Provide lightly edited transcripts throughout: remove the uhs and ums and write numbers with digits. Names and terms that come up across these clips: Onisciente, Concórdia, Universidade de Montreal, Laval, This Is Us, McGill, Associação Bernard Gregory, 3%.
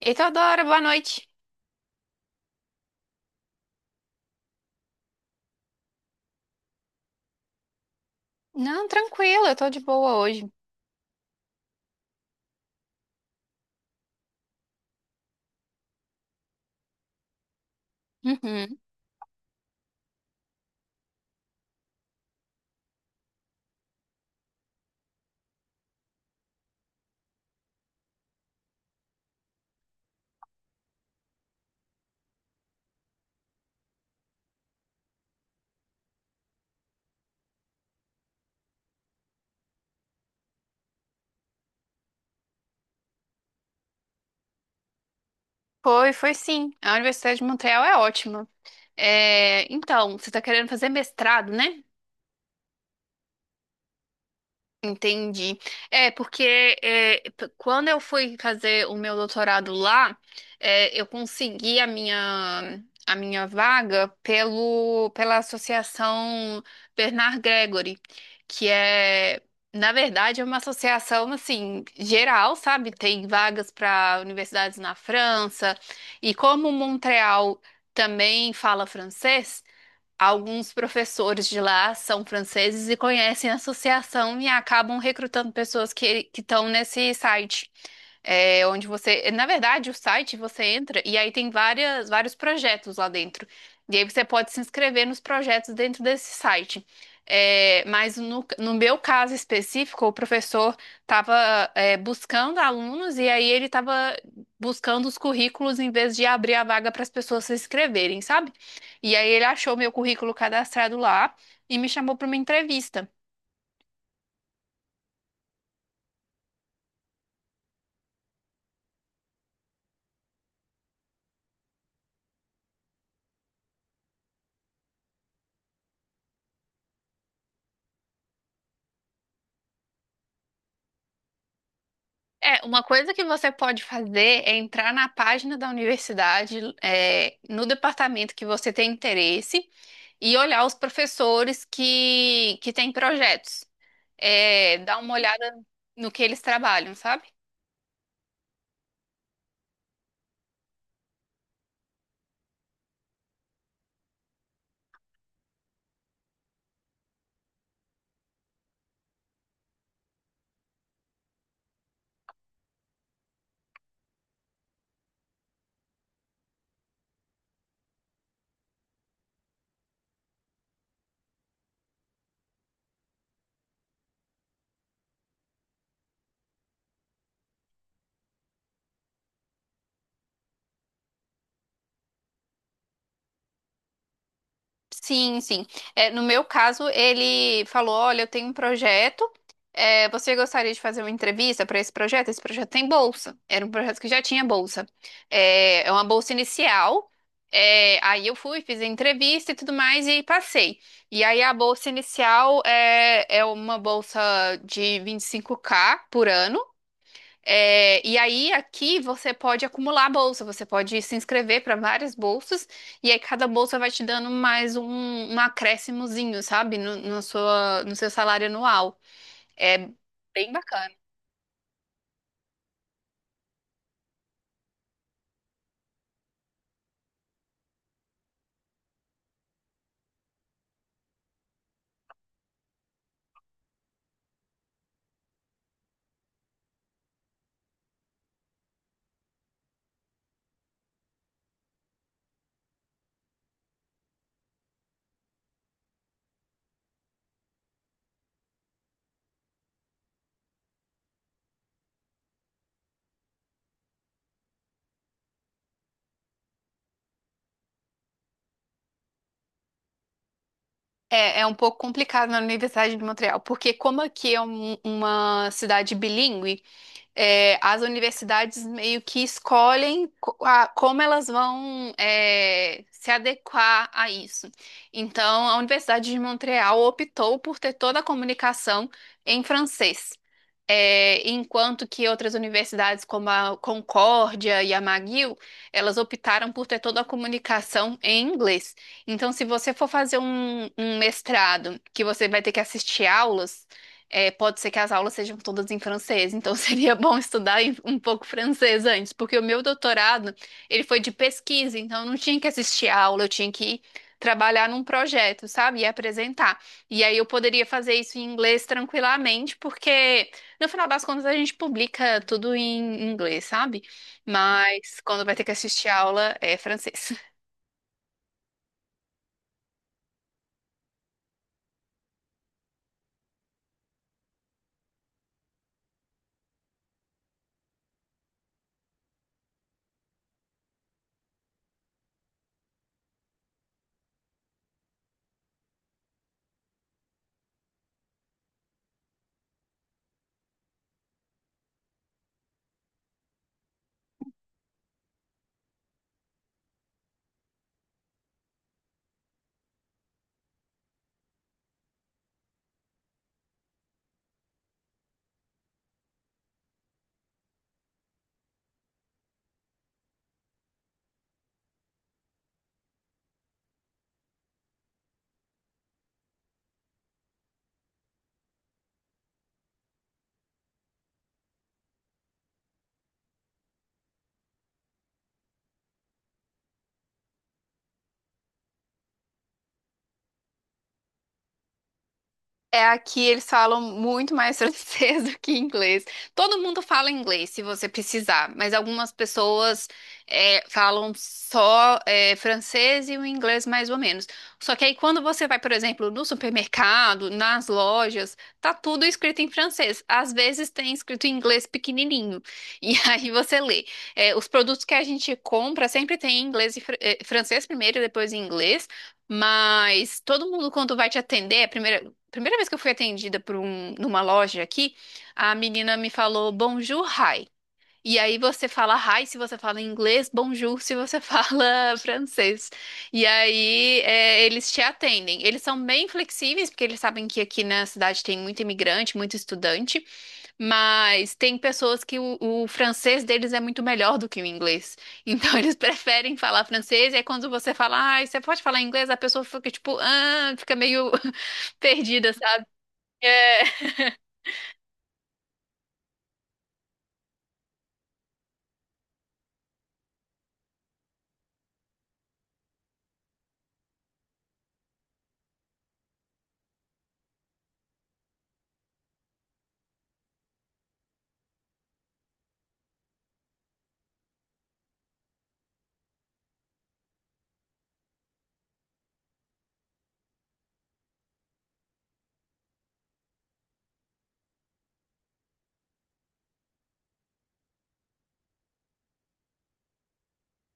Eita, Adora, boa noite. Não, tranquilo. Eu tô de boa hoje. Uhum. Foi, foi sim. A Universidade de Montreal é ótima. É, então, você tá querendo fazer mestrado, né? Entendi. Quando eu fui fazer o meu doutorado lá, eu consegui a minha vaga pelo, pela Associação Bernard Gregory, que é, na verdade, é uma associação, assim, geral, sabe? Tem vagas para universidades na França, e como Montreal também fala francês, alguns professores de lá são franceses e conhecem a associação e acabam recrutando pessoas que estão nesse site, onde você, na verdade, o site você entra e aí tem várias, vários projetos lá dentro. E aí você pode se inscrever nos projetos dentro desse site. Mas no meu caso específico, o professor estava buscando alunos e aí ele estava buscando os currículos em vez de abrir a vaga para as pessoas se inscreverem, sabe? E aí ele achou meu currículo cadastrado lá e me chamou para uma entrevista. Uma coisa que você pode fazer é entrar na página da universidade, no departamento que você tem interesse, e olhar os professores que têm projetos. É, dar uma olhada no que eles trabalham, sabe? Sim, sim. No meu caso, ele falou: Olha, eu tenho um projeto. É, você gostaria de fazer uma entrevista para esse projeto? Esse projeto tem bolsa. Era um projeto que já tinha bolsa. É uma bolsa inicial. É, aí eu fui, fiz a entrevista e tudo mais e passei. E aí a bolsa inicial é uma bolsa de 25K por ano. É, e aí, aqui você pode acumular bolsa, você pode se inscrever para várias bolsas, e aí cada bolsa vai te dando mais um, um acréscimozinho, sabe? No seu salário anual. É bem bacana. É um pouco complicado na Universidade de Montreal, porque como aqui é uma cidade bilíngue, as universidades meio que escolhem como elas vão se adequar a isso. Então, a Universidade de Montreal optou por ter toda a comunicação em francês. É, enquanto que outras universidades, como a Concórdia e a McGill, elas optaram por ter toda a comunicação em inglês. Então, se você for fazer um mestrado que você vai ter que assistir aulas, pode ser que as aulas sejam todas em francês, então seria bom estudar um pouco francês antes, porque o meu doutorado, ele foi de pesquisa, então eu não tinha que assistir a aula, eu tinha que trabalhar num projeto, sabe? E apresentar. E aí eu poderia fazer isso em inglês tranquilamente, porque no final das contas a gente publica tudo em inglês, sabe? Mas quando vai ter que assistir a aula é francês. É, aqui eles falam muito mais francês do que inglês. Todo mundo fala inglês se você precisar, mas algumas pessoas falam só francês e o inglês mais ou menos. Só que aí quando você vai, por exemplo, no supermercado, nas lojas, tá tudo escrito em francês. Às vezes tem escrito em inglês pequenininho. E aí você lê. É, os produtos que a gente compra sempre tem em inglês e francês primeiro e depois em inglês. Mas todo mundo, quando vai te atender, a primeira vez que eu fui atendida por um, numa loja aqui, a menina me falou bonjour, hi. E aí você fala hi se você fala inglês, bonjour se você fala francês. E aí eles te atendem. Eles são bem flexíveis, porque eles sabem que aqui na cidade tem muito imigrante, muito estudante, mas tem pessoas que o francês deles é muito melhor do que o inglês. Então eles preferem falar francês, e aí quando você fala, ai, você pode falar inglês, a pessoa fica tipo, ah, fica meio perdida, é,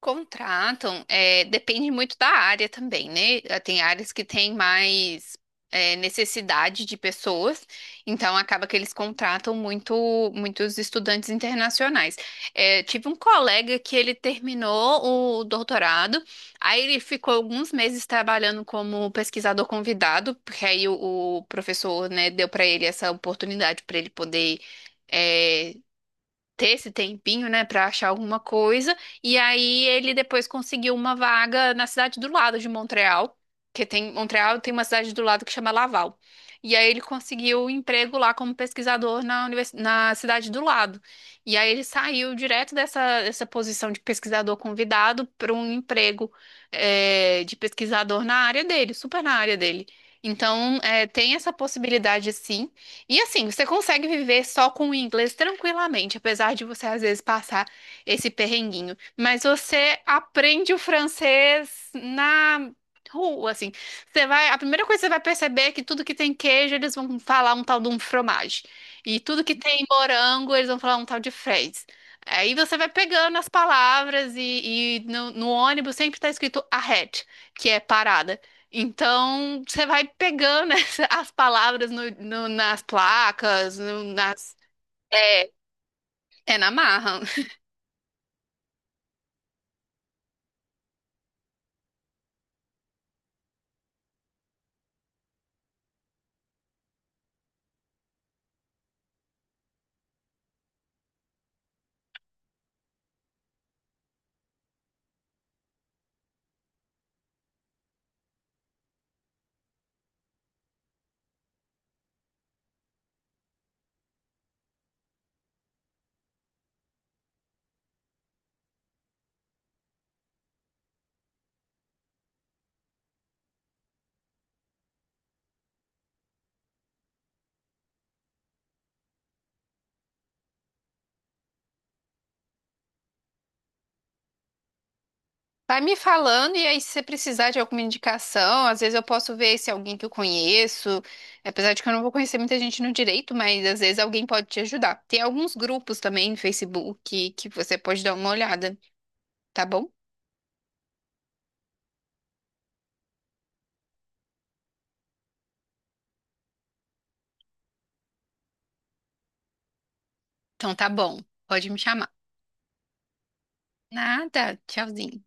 contratam, depende muito da área também, né? Ah, tem áreas que têm mais necessidade de pessoas, então acaba que eles contratam muito, muitos estudantes internacionais. É, tive um colega que ele terminou o doutorado, aí ele ficou alguns meses trabalhando como pesquisador convidado, porque aí o professor, né, deu para ele essa oportunidade para ele poder é, ter esse tempinho, né, pra achar alguma coisa. E aí ele depois conseguiu uma vaga na cidade do lado de Montreal, que tem Montreal tem uma cidade do lado que chama Laval. E aí ele conseguiu um emprego lá como pesquisador na, na cidade do lado. E aí ele saiu direto dessa, dessa posição de pesquisador convidado para um emprego de pesquisador na área dele, super na área dele. Então, tem essa possibilidade sim. E assim, você consegue viver só com o inglês tranquilamente, apesar de você às vezes passar esse perrenguinho. Mas você aprende o francês na rua, assim. Você vai, a primeira coisa que você vai perceber é que tudo que tem queijo, eles vão falar um tal de um fromage. E tudo que tem morango, eles vão falar um tal de fraise. Aí você vai pegando as palavras e no ônibus sempre está escrito ahead, que é parada. Então, você vai pegando as palavras nas placas, nas. É, é na marra. Vai me falando, e aí, se você precisar de alguma indicação, às vezes eu posso ver se é alguém que eu conheço. Apesar de que eu não vou conhecer muita gente no direito, mas às vezes alguém pode te ajudar. Tem alguns grupos também no Facebook que você pode dar uma olhada, tá bom? Então tá bom, pode me chamar. Nada, tchauzinho.